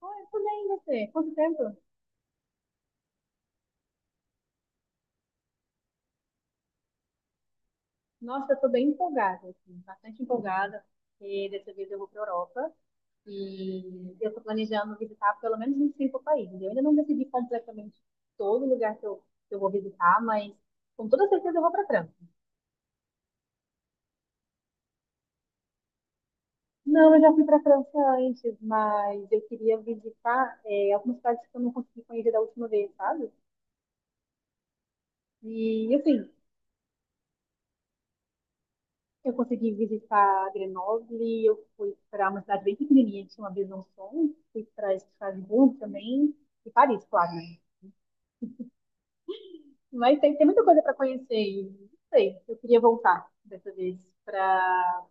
Oi, tudo bem, e você? Quanto tempo? Nossa, eu tô bem empolgada, assim, bastante empolgada, porque dessa vez eu vou para Europa e eu tô planejando visitar pelo menos uns cinco países. Eu ainda não decidi completamente todo lugar que eu vou visitar, mas com toda certeza eu vou para França. Não, eu já fui para França antes, mas eu queria visitar algumas cidades que eu não consegui conhecer da última vez, sabe? E assim, eu consegui visitar Grenoble, eu fui para uma cidade bem pequenininha que chama Besançon, fui para Estrasburgo também, e Paris, claro, né? Mas tem muita coisa para conhecer, e não sei, eu queria voltar dessa vez para.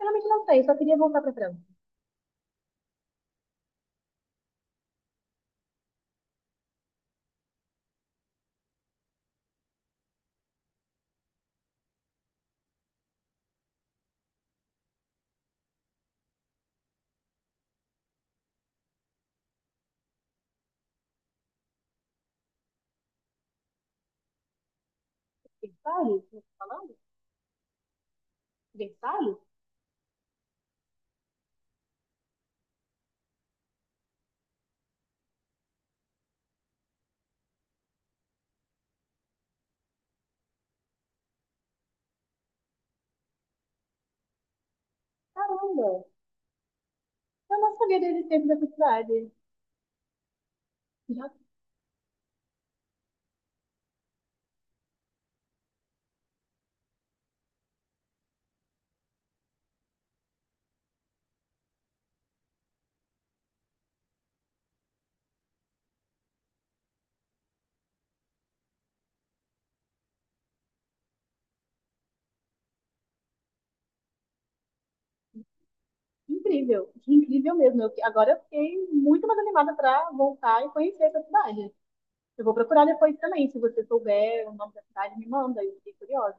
Realmente não sei, eu só queria voltar para França. Versalhes, como você tá falando? Versalhes? Caramba! Eu não sabia da existência dessa cidade. Já, incrível, incrível mesmo. Agora eu fiquei muito mais animada para voltar e conhecer essa cidade. Eu vou procurar depois também, se você souber o nome da cidade, me manda, eu fiquei curiosa.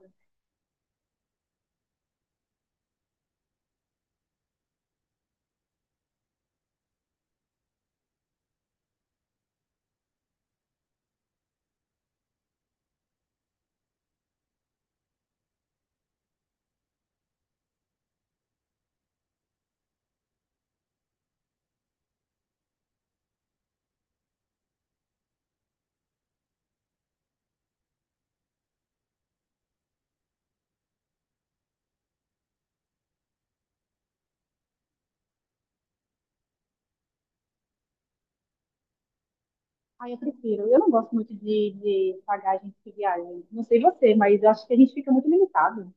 Ah, eu prefiro. Eu não gosto muito de pagar a gente que viaja. Não sei você, mas eu acho que a gente fica muito limitado.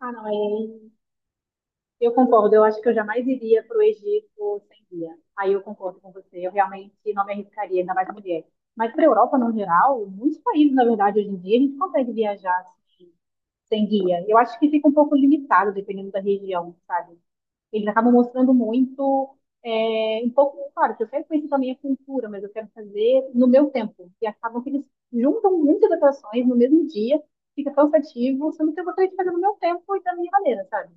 Ah, não, é... eu concordo. Eu acho que eu jamais iria para o Egito sem guia. Aí eu concordo com você. Eu realmente não me arriscaria, ainda mais mulher. Mas para a Europa, no geral, muitos países, na verdade, hoje em dia, a gente consegue viajar assim, sem guia. Eu acho que fica um pouco limitado, dependendo da região, sabe? Eles acabam mostrando muito, um pouco, claro, que eu quero conhecer também a cultura, mas eu quero fazer no meu tempo. E acabam que eles juntam muitas atrações no mesmo dia, fica cansativo, sendo que eu gostaria de fazer no meu tempo e da minha maneira, sabe?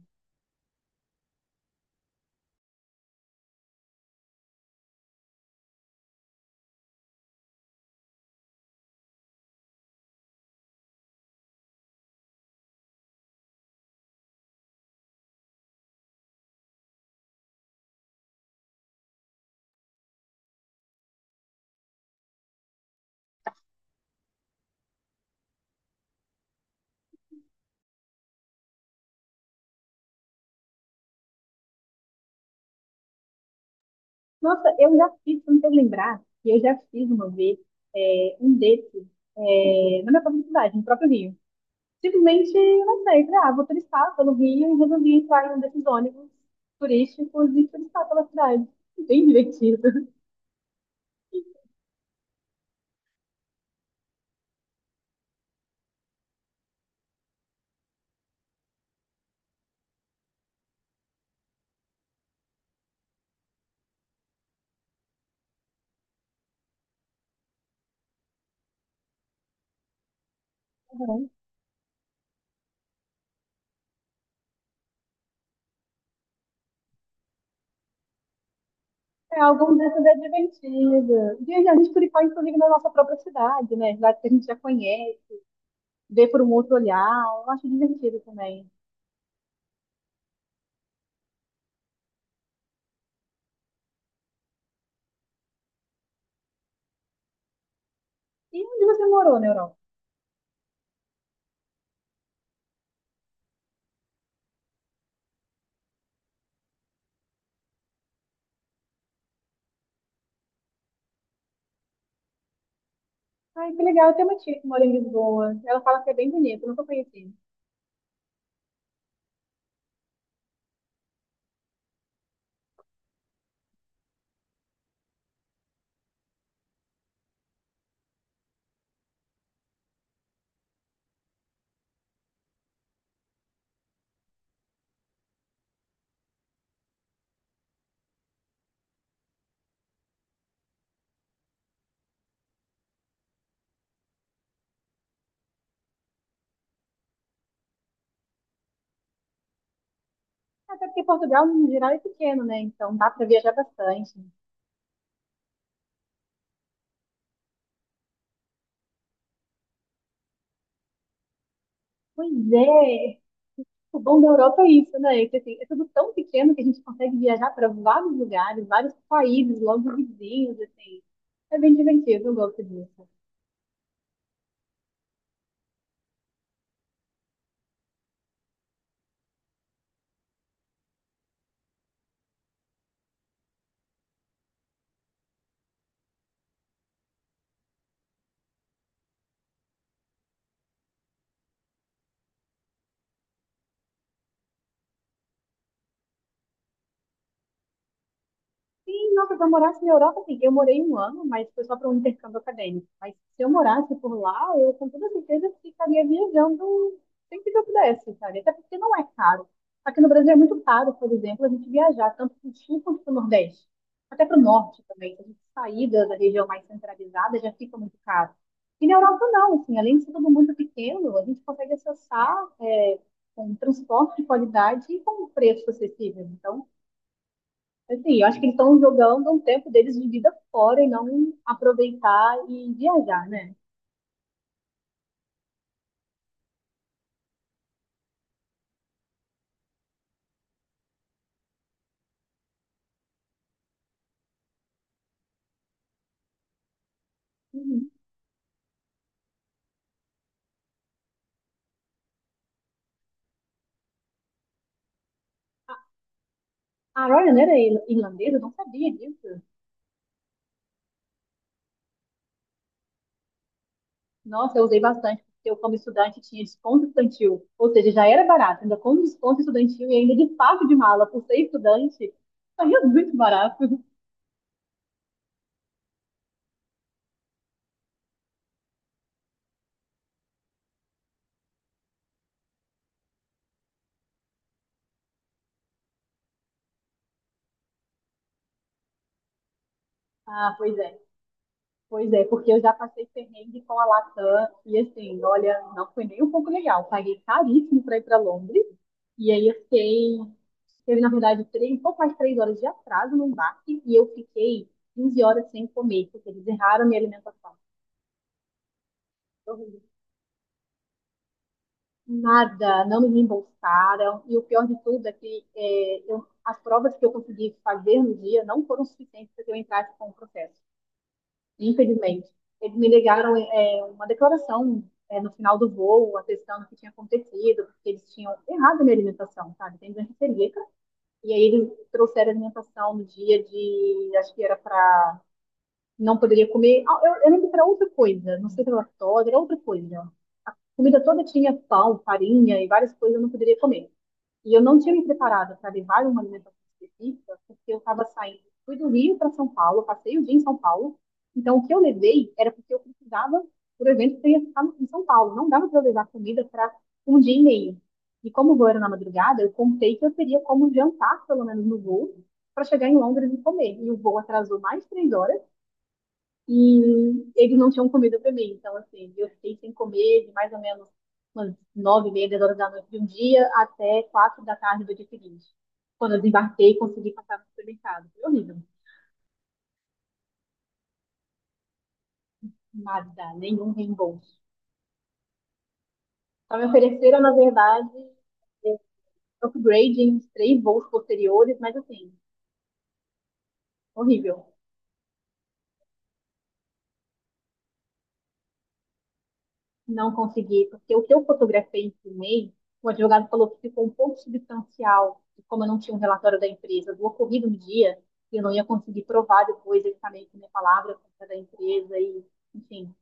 Nossa, eu já fiz, se não quero lembrar, que eu já fiz uma vez um desses na minha própria cidade, no próprio Rio. Simplesmente, eu não sei, falei, ah, vou turistar pelo Rio e resolvi entrar em um desses ônibus turísticos e turistar pela cidade. Bem divertido. É, alguns desses é divertido. E a gente clicar, inclusive, na nossa própria cidade, né? Cidade que a gente já conhece, ver por um outro olhar. Eu acho divertido também. E onde você morou na Europa? Ai, que legal. Eu tenho uma tia que mora em Lisboa. Ela fala que é bem bonito, eu nunca conheci. Até porque Portugal, no geral, é pequeno, né? Então dá para viajar bastante. Pois é. O bom da Europa é isso, né? Que, assim, é tudo tão pequeno que a gente consegue viajar para vários lugares, vários países, logo vizinhos, assim. É bem divertido, eu gosto disso. Sim, nossa, se eu morasse na Europa, sim. Eu morei um ano, mas foi só para um intercâmbio acadêmico. Mas se eu morasse por lá, eu com toda certeza ficaria viajando sempre que eu pudesse, sabe? Até porque não é caro. Aqui no Brasil é muito caro, por exemplo, a gente viajar tanto para o sul quanto para o nordeste. Até para o norte também. Se a gente sair da região mais centralizada, já fica muito caro. E na Europa não, assim, além de ser tudo muito pequeno, a gente consegue acessar com transporte de qualidade e com preço acessível. Então, assim, eu acho que eles estão jogando um tempo deles de vida fora e não aproveitar e viajar, né? Uhum. A Royal era irlandesa, eu não sabia disso. Nossa, eu usei bastante, porque eu, como estudante, tinha desconto estudantil. Ou seja, já era barato, ainda com desconto estudantil e ainda de fato de mala, por ser estudante, saía muito barato. Ah, pois é. Pois é, porque eu já passei perrengue com a Latam e assim, olha, não foi nem um pouco legal. Paguei caríssimo para ir para Londres e aí eu fiquei, teve na verdade três, um pouco mais de três horas de atraso no embarque e eu fiquei 15 horas sem comer, porque eles erraram minha alimentação. Horrível. Nada, não me reembolsaram e o pior de tudo é que as provas que eu consegui fazer no dia não foram suficientes para que eu entrasse com o processo. Infelizmente. Eles me ligaram uma declaração no final do voo, atestando o que tinha acontecido, porque eles tinham errado a minha alimentação, sabe? Tem doença celíaca. E aí eles trouxeram alimentação no dia de. Acho que era para. Não poderia comer. Eu lembro que era outra coisa, não sei se era lactose, era outra coisa. Comida toda tinha pão, farinha e várias coisas eu não poderia comer. E eu não tinha me preparado para levar uma alimentação específica, porque eu estava saindo, fui do Rio para São Paulo, passei o dia em São Paulo. Então, o que eu levei era porque eu precisava, por exemplo, que eu ia ficar em São Paulo. Não dava para eu levar comida para um dia e meio. E como o voo era na madrugada, eu contei que eu teria como jantar, pelo menos no voo, para chegar em Londres e comer. E o voo atrasou mais três horas. E eles não tinham comida pra mim. Então, assim, eu fiquei sem comer de mais ou menos umas nove e meia, dez horas da noite de um dia até quatro da tarde do dia seguinte. Quando eu desembarquei, consegui passar no supermercado. Foi horrível. Nada, nenhum reembolso. Só me ofereceram, na verdade, eh, upgrade em três voos posteriores, mas assim, horrível. Não consegui, porque o que eu fotografei e filmei, o advogado falou que ficou um pouco substancial, e como eu não tinha um relatório da empresa do ocorrido no dia, eu não ia conseguir provar depois exatamente a minha palavra contra a da empresa e, enfim,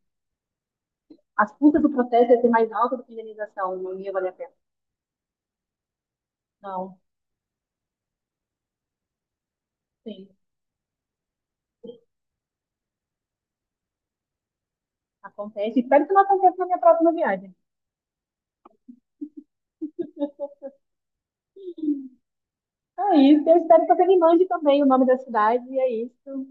as custas do processo ia ser mais alta do que a indenização, não ia valer a pena. Não, sim, acontece. Espero que não aconteça na minha próxima viagem. Então é isso, eu espero que você me mande também o nome da cidade, e é isso,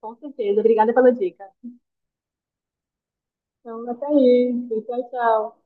com certeza. Obrigada pela dica. Então, até isso, tchau, tchau.